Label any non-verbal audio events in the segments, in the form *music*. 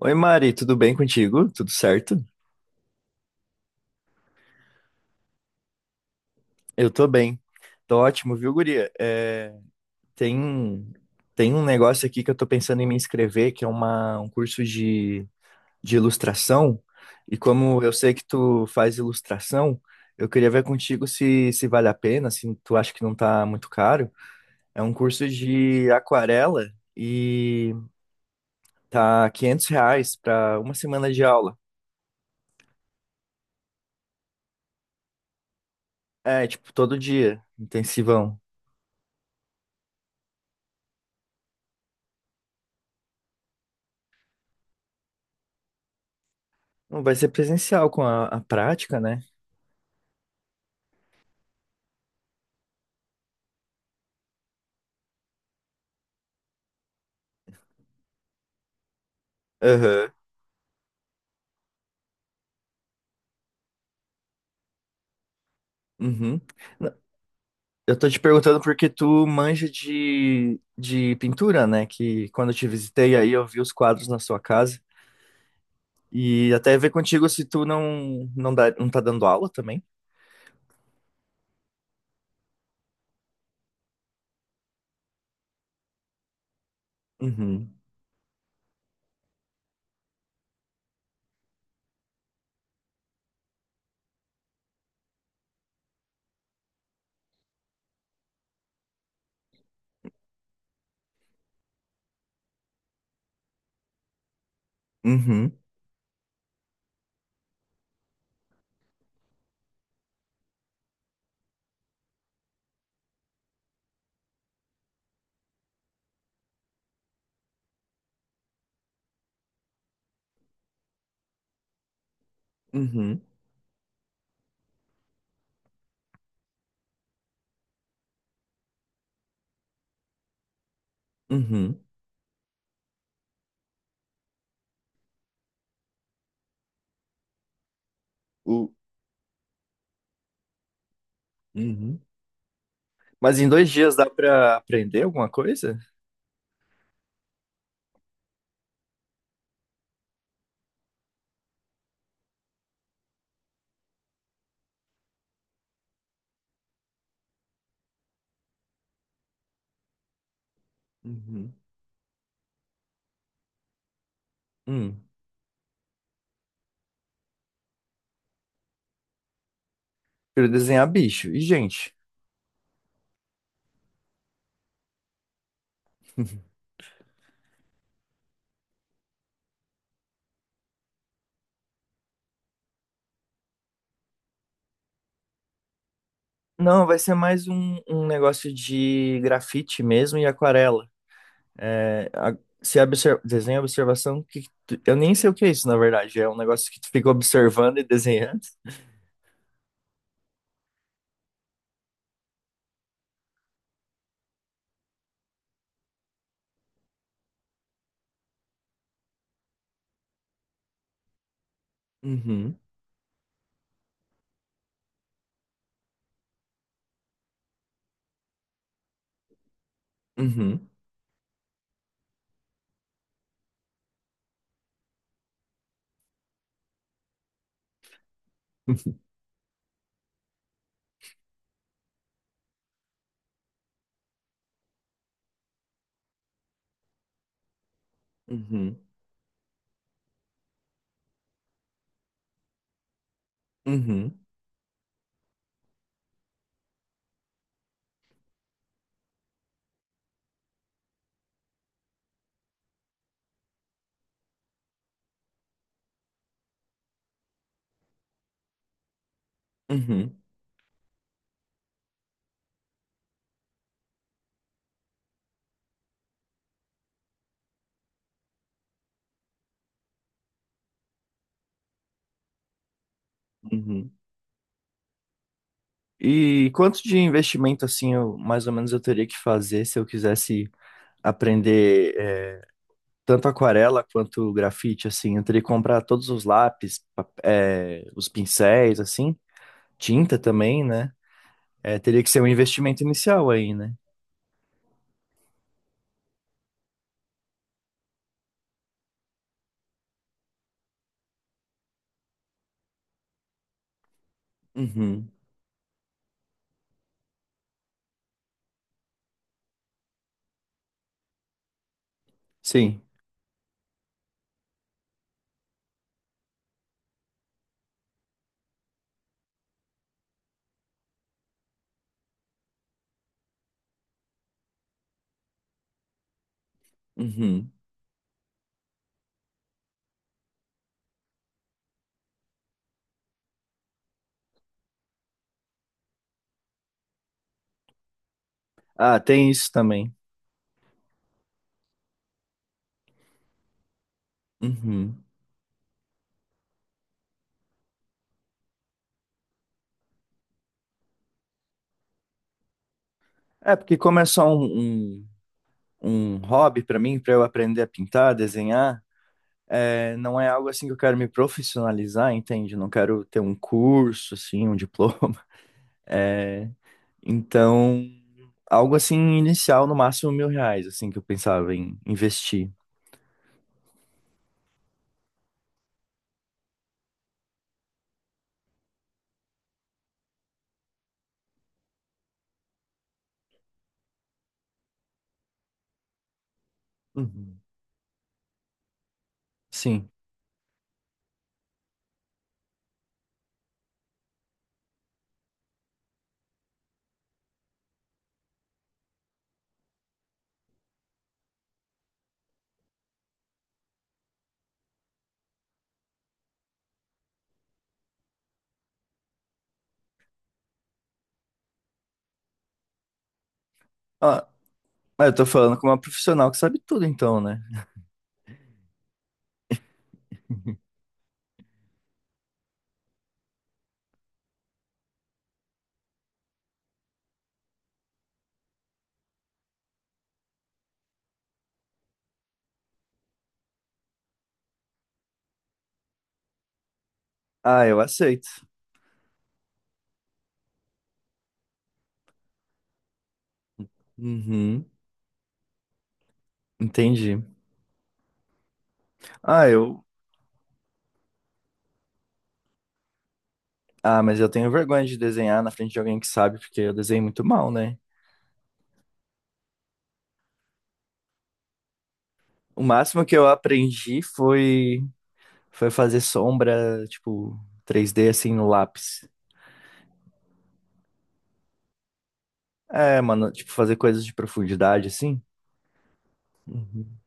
Oi, Mari, tudo bem contigo? Tudo certo? Eu tô bem. Tô ótimo, viu, guria? Tem, tem um negócio aqui que eu tô pensando em me inscrever, que é um curso de ilustração. E como eu sei que tu faz ilustração, eu queria ver contigo se vale a pena, se tu acha que não tá muito caro. É um curso de aquarela e tá R$ 500 pra uma semana de aula. Tipo, todo dia, intensivão. Não vai ser presencial com a prática, né? Aham. Uhum. N- Eu tô te perguntando porque tu manja de pintura, né? Que quando eu te visitei aí eu vi os quadros na sua casa. E até ver contigo se tu não, dá, não tá dando aula também. Uhum. Uhum. Uhum. Uhum. O- Uhum. Mas em 2 dias dá pra aprender alguma coisa? Uhum. Hum. Quero desenhar bicho. E gente? *laughs* Não, vai ser mais um negócio de grafite mesmo e aquarela. É, a- se obser- desenha observação, que eu nem sei o que é isso, na verdade. É um negócio que tu fica observando e desenhando. Uhum, uhum, *laughs* uhum, uhum, uhum, uhum. E quanto de investimento, assim, mais ou menos eu teria que fazer se eu quisesse aprender tanto aquarela quanto grafite, assim? Eu teria que comprar todos os lápis, os pincéis, assim, tinta também, né? Teria que ser um investimento inicial aí, né? Uhum, sim, uhum. Ah, tem isso também. Uhum. Porque como é só um hobby para mim, para eu aprender a pintar, desenhar, não é algo assim que eu quero me profissionalizar, entende? Não quero ter um curso, assim, um diploma. *laughs* É, então, algo assim inicial, no máximo R$ 1.000, assim, que eu pensava em investir. Uhum. Sim. Ah, mas eu tô falando com uma profissional que sabe tudo, então, né? *laughs* Ah, eu aceito. Uhum. Entendi. Ah, eu Ah, mas eu tenho vergonha de desenhar na frente de alguém que sabe, porque eu desenho muito mal, né? O máximo que eu aprendi foi fazer sombra, tipo, 3D assim no lápis. É, mano, tipo, fazer coisas de profundidade assim. Uhum.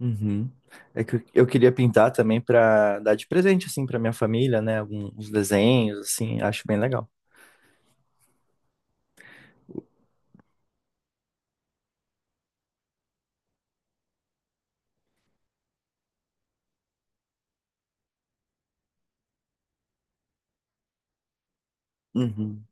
Uhum. É que eu queria pintar também pra dar de presente assim pra minha família, né? Alguns desenhos assim, acho bem legal. Uhum.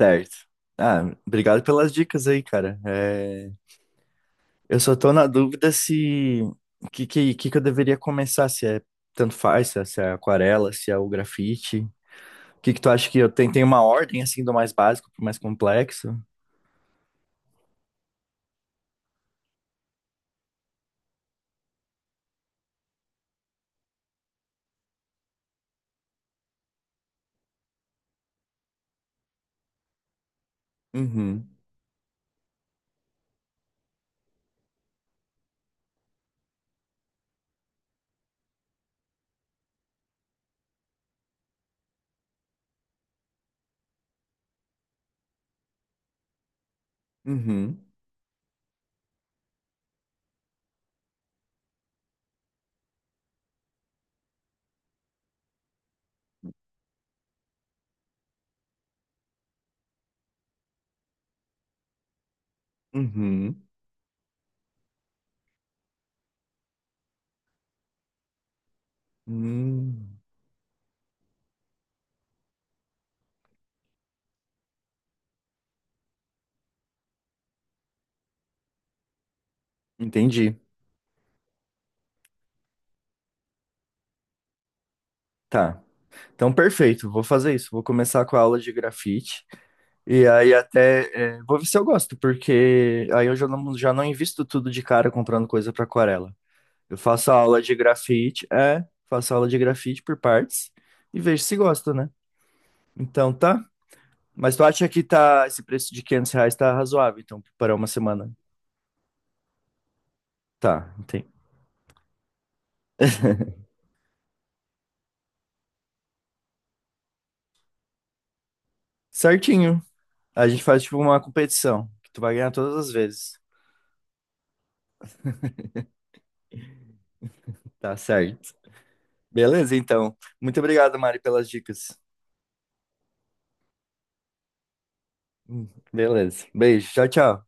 Certo. Ah, obrigado pelas dicas aí, cara. Eu só tô na dúvida se o que que eu deveria começar, se é tanto faz, se é aquarela, se é o grafite. O que que tu acha que eu tenho? Tem uma ordem assim do mais básico pro mais complexo? Uhum, uhum, uhum, hum. Entendi. Tá. Então, perfeito. Vou fazer isso. Vou começar com a aula de grafite. E aí até vou ver se eu gosto, porque aí eu já não invisto tudo de cara comprando coisa para aquarela. Eu faço aula de grafite, faço aula de grafite por partes e vejo se gosta, né? Então tá. Mas tu acha que tá, esse preço de R$ 500 tá razoável, então, para uma semana? Tá, entendi. *laughs* Certinho. A gente faz tipo uma competição, que tu vai ganhar todas as vezes. Tá certo. Beleza, então. Muito obrigado, Mari, pelas dicas. Beleza. Beijo. Tchau, tchau.